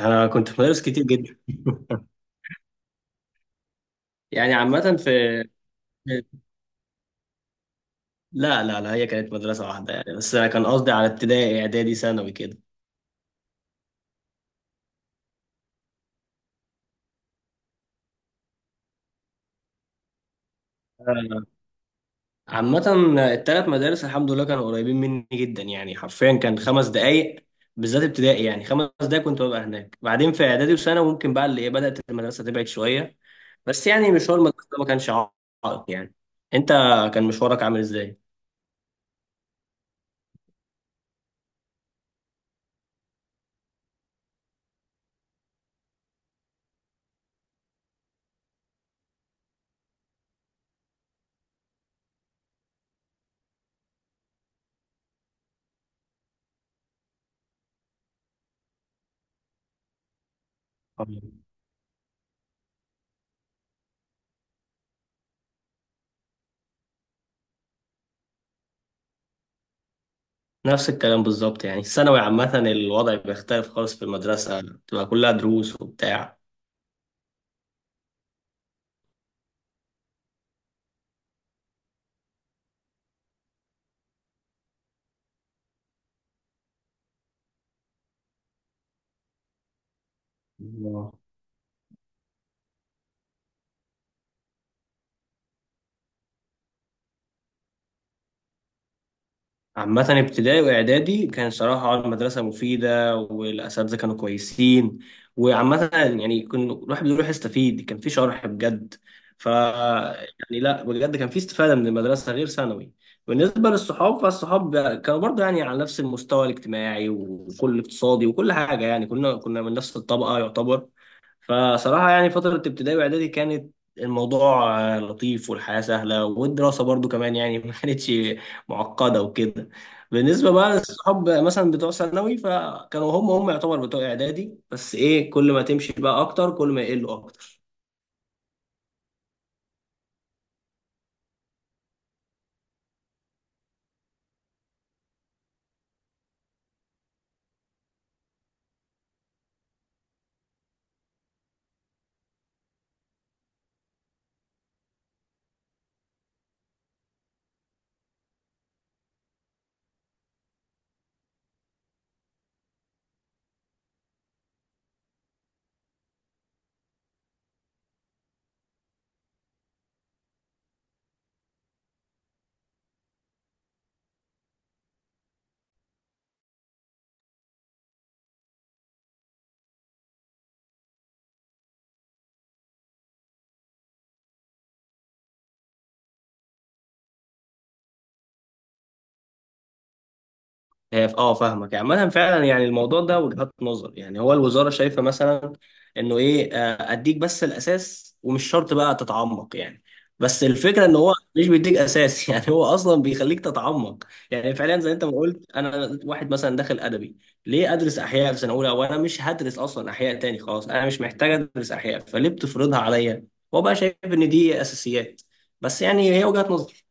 انا كنت في مدارس كتير جدا. يعني عامة في- لا لا لا، هي كانت مدرسة واحدة، يعني بس أنا كان قصدي على ابتدائي إعدادي ثانوي كده. آه، عامة التلات مدارس الحمد لله كانوا قريبين مني جدا، يعني حرفيا كان 5 دقايق. بالذات ابتدائي، يعني 5 دقايق كنت ببقى هناك. بعدين في إعدادي وثانوي ممكن بقى اللي إيه بدأت المدرسة تبعد شوية، بس يعني مشوار المدرسة ده ما كانش عائق يعني. أنت كان مشوارك عامل إزاي؟ نفس الكلام بالظبط، يعني الثانوي عامة الوضع بيختلف خالص، في المدرسة بتبقى كلها دروس وبتاع. الله. عامة ابتدائي وإعدادي كان صراحة آه المدرسة مفيدة، والأساتذة كانوا كويسين، وعامة يعني كنا الواحد بيروح يستفيد، كان في شرح بجد. ف يعني لا بجد كان في استفادة من المدرسة غير ثانوي. بالنسبة للصحاب، فالصحاب كانوا برضه يعني على نفس المستوى الاجتماعي وكل اقتصادي وكل حاجة، يعني كنا من نفس الطبقة يعتبر. فصراحة يعني فترة ابتدائي وإعدادي كانت الموضوع لطيف، والحياة سهلة، والدراسة برضو كمان يعني ما كانتش معقدة وكده. بالنسبة بقى للصحاب مثلا بتوع ثانوي، فكانوا هم هم يعتبر بتوع إعدادي، بس إيه كل ما تمشي بقى أكتر كل ما يقلوا أكتر. هي فاهمك. عامة فعلا يعني الموضوع ده وجهات نظر، يعني هو الوزارة شايفة مثلا انه ايه، اديك بس الاساس ومش شرط بقى تتعمق يعني. بس الفكرة ان هو مش بيديك اساس يعني هو اصلا بيخليك تتعمق. يعني فعلا زي انت ما قلت، انا واحد مثلا داخل ادبي، ليه ادرس احياء في سنة اولى وانا مش هدرس اصلا احياء تاني؟ خلاص انا مش محتاج ادرس احياء، فليه بتفرضها عليا؟ هو بقى شايف ان دي اساسيات، بس يعني هي وجهات نظر.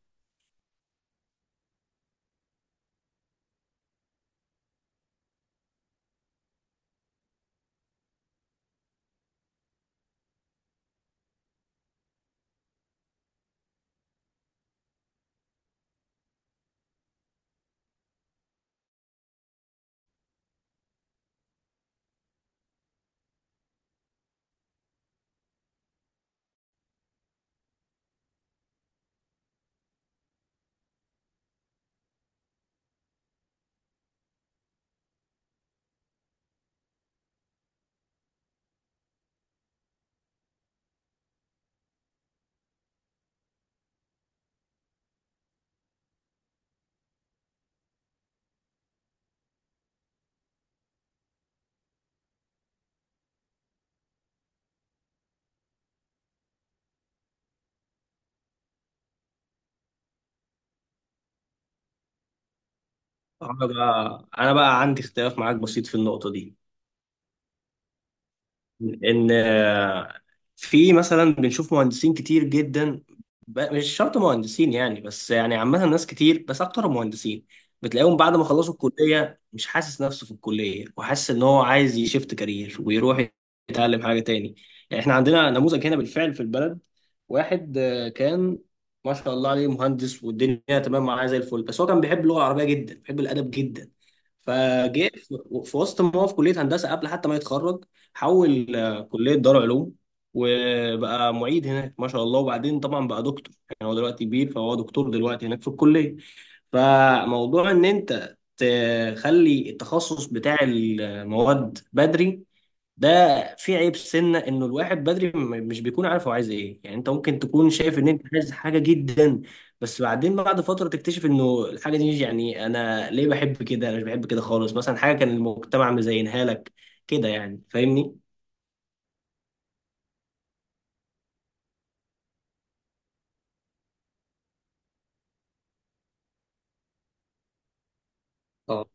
انا بقى عندي اختلاف معاك بسيط في النقطة دي. ان في مثلا بنشوف مهندسين كتير جدا، مش شرط مهندسين يعني، بس يعني عامة ناس كتير، بس اكتر مهندسين بتلاقيهم بعد ما خلصوا الكلية مش حاسس نفسه في الكلية، وحاسس ان هو عايز يشفت كارير ويروح يتعلم حاجة تاني. يعني احنا عندنا نموذج هنا بالفعل في البلد، واحد كان ما شاء الله عليه مهندس، والدنيا تمام معاه زي الفل، بس هو كان بيحب اللغة العربية جدا، بيحب الأدب جدا. فجه في وسط ما هو في كلية هندسة، قبل حتى ما يتخرج، حول كلية دار علوم، وبقى معيد هناك ما شاء الله، وبعدين طبعا بقى دكتور، يعني هو دلوقتي كبير، فهو دكتور دلوقتي هناك في الكلية. فموضوع ان انت تخلي التخصص بتاع المواد بدري ده، في عيب سنة انه الواحد بدري مش بيكون عارف هو عايز ايه. يعني انت ممكن تكون شايف ان انت عايز حاجة جدا، بس بعدين بعد فترة تكتشف انه الحاجة دي، يعني انا ليه بحب كده؟ انا مش بحب كده خالص مثلا، حاجة كان المجتمع مزينها لك كده يعني، فاهمني؟ اه،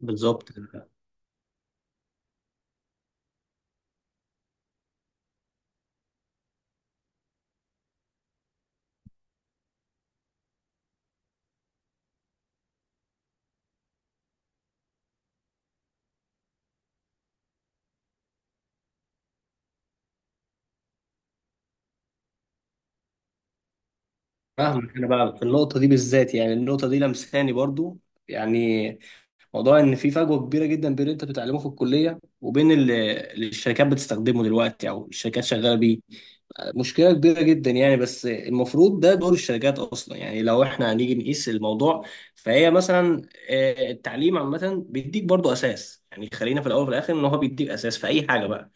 بالظبط. فاهمك. انا بقى في النقطه دي بالذات، يعني النقطه دي لمساني برضو، يعني موضوع ان في فجوه كبيره جدا بين اللي انت بتتعلمه في الكليه وبين اللي الشركات بتستخدمه دلوقتي، او الشركات شغاله بيه. مشكله كبيره جدا يعني، بس المفروض ده دور الشركات اصلا، يعني لو احنا هنيجي نقيس الموضوع. فهي مثلا، التعليم عامه بيديك برضو اساس، يعني خلينا في الاول وفي الاخر ان هو بيديك اساس في اي حاجه بقى.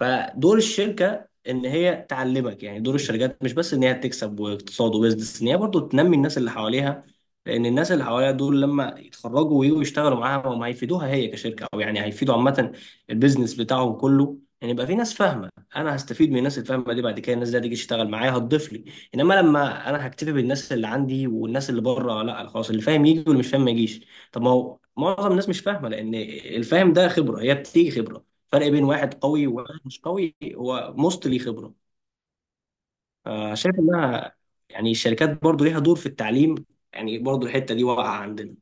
فدور الشركه ان هي تعلمك، يعني دور الشركات مش بس ان هي تكسب واقتصاد وبزنس، ان هي برضو تنمي الناس اللي حواليها، لان الناس اللي حواليها دول لما يتخرجوا ويجوا يشتغلوا معاها هم هيفيدوها هي كشركه، او يعني هيفيدوا عامه البيزنس بتاعهم كله. يعني يبقى في ناس فاهمه، انا هستفيد من الناس الفاهمه دي بعد كده، الناس دي هتيجي تشتغل معايا هتضيف لي. انما لما انا هكتفي بالناس اللي عندي والناس اللي بره، لا خلاص، اللي فاهم يجي واللي مش فاهم ما يجيش. طب ما هو معظم الناس مش فاهمه، لان الفاهم ده خبره، هي بتيجي خبره. فرق بين واحد قوي وواحد مش قوي هو مستلي خبرة. شايف انها يعني الشركات برضو ليها دور في التعليم، يعني برضو الحتة دي واقعة عندنا.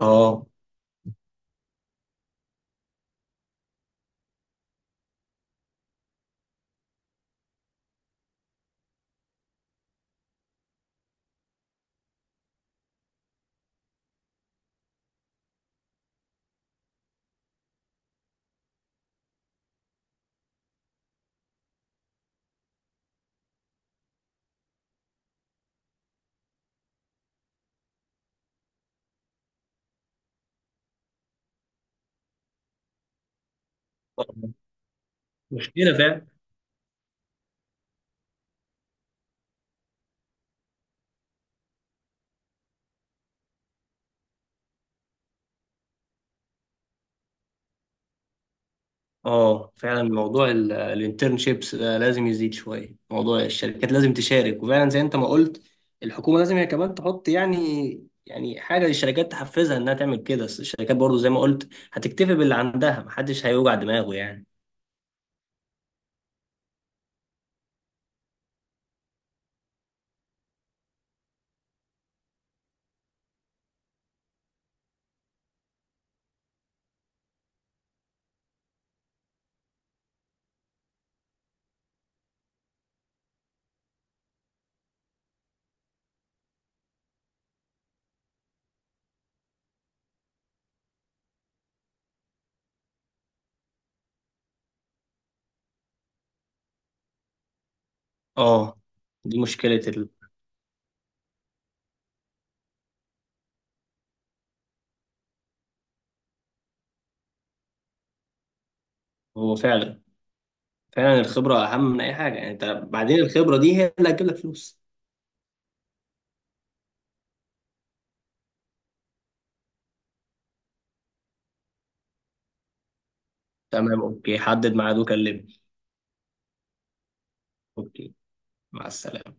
اه، مشكلة فعلا. اه، فعلا موضوع الانترنشيبس ده لازم يزيد شوية، موضوع الشركات لازم تشارك. وفعلا زي انت ما قلت، الحكومة لازم هي كمان تحط يعني يعني حاجة للشركات تحفزها انها تعمل كده، بس الشركات برضو زي ما قلت هتكتفي باللي عندها، محدش هيوجع دماغه يعني. اه، دي مشكلة هو فعلا، فعلا الخبرة أهم من أي حاجة، يعني أنت بعدين الخبرة دي هي اللي هتجيب لك فلوس. تمام، أوكي، حدد ميعاد وكلمني. أوكي، مع السلامة.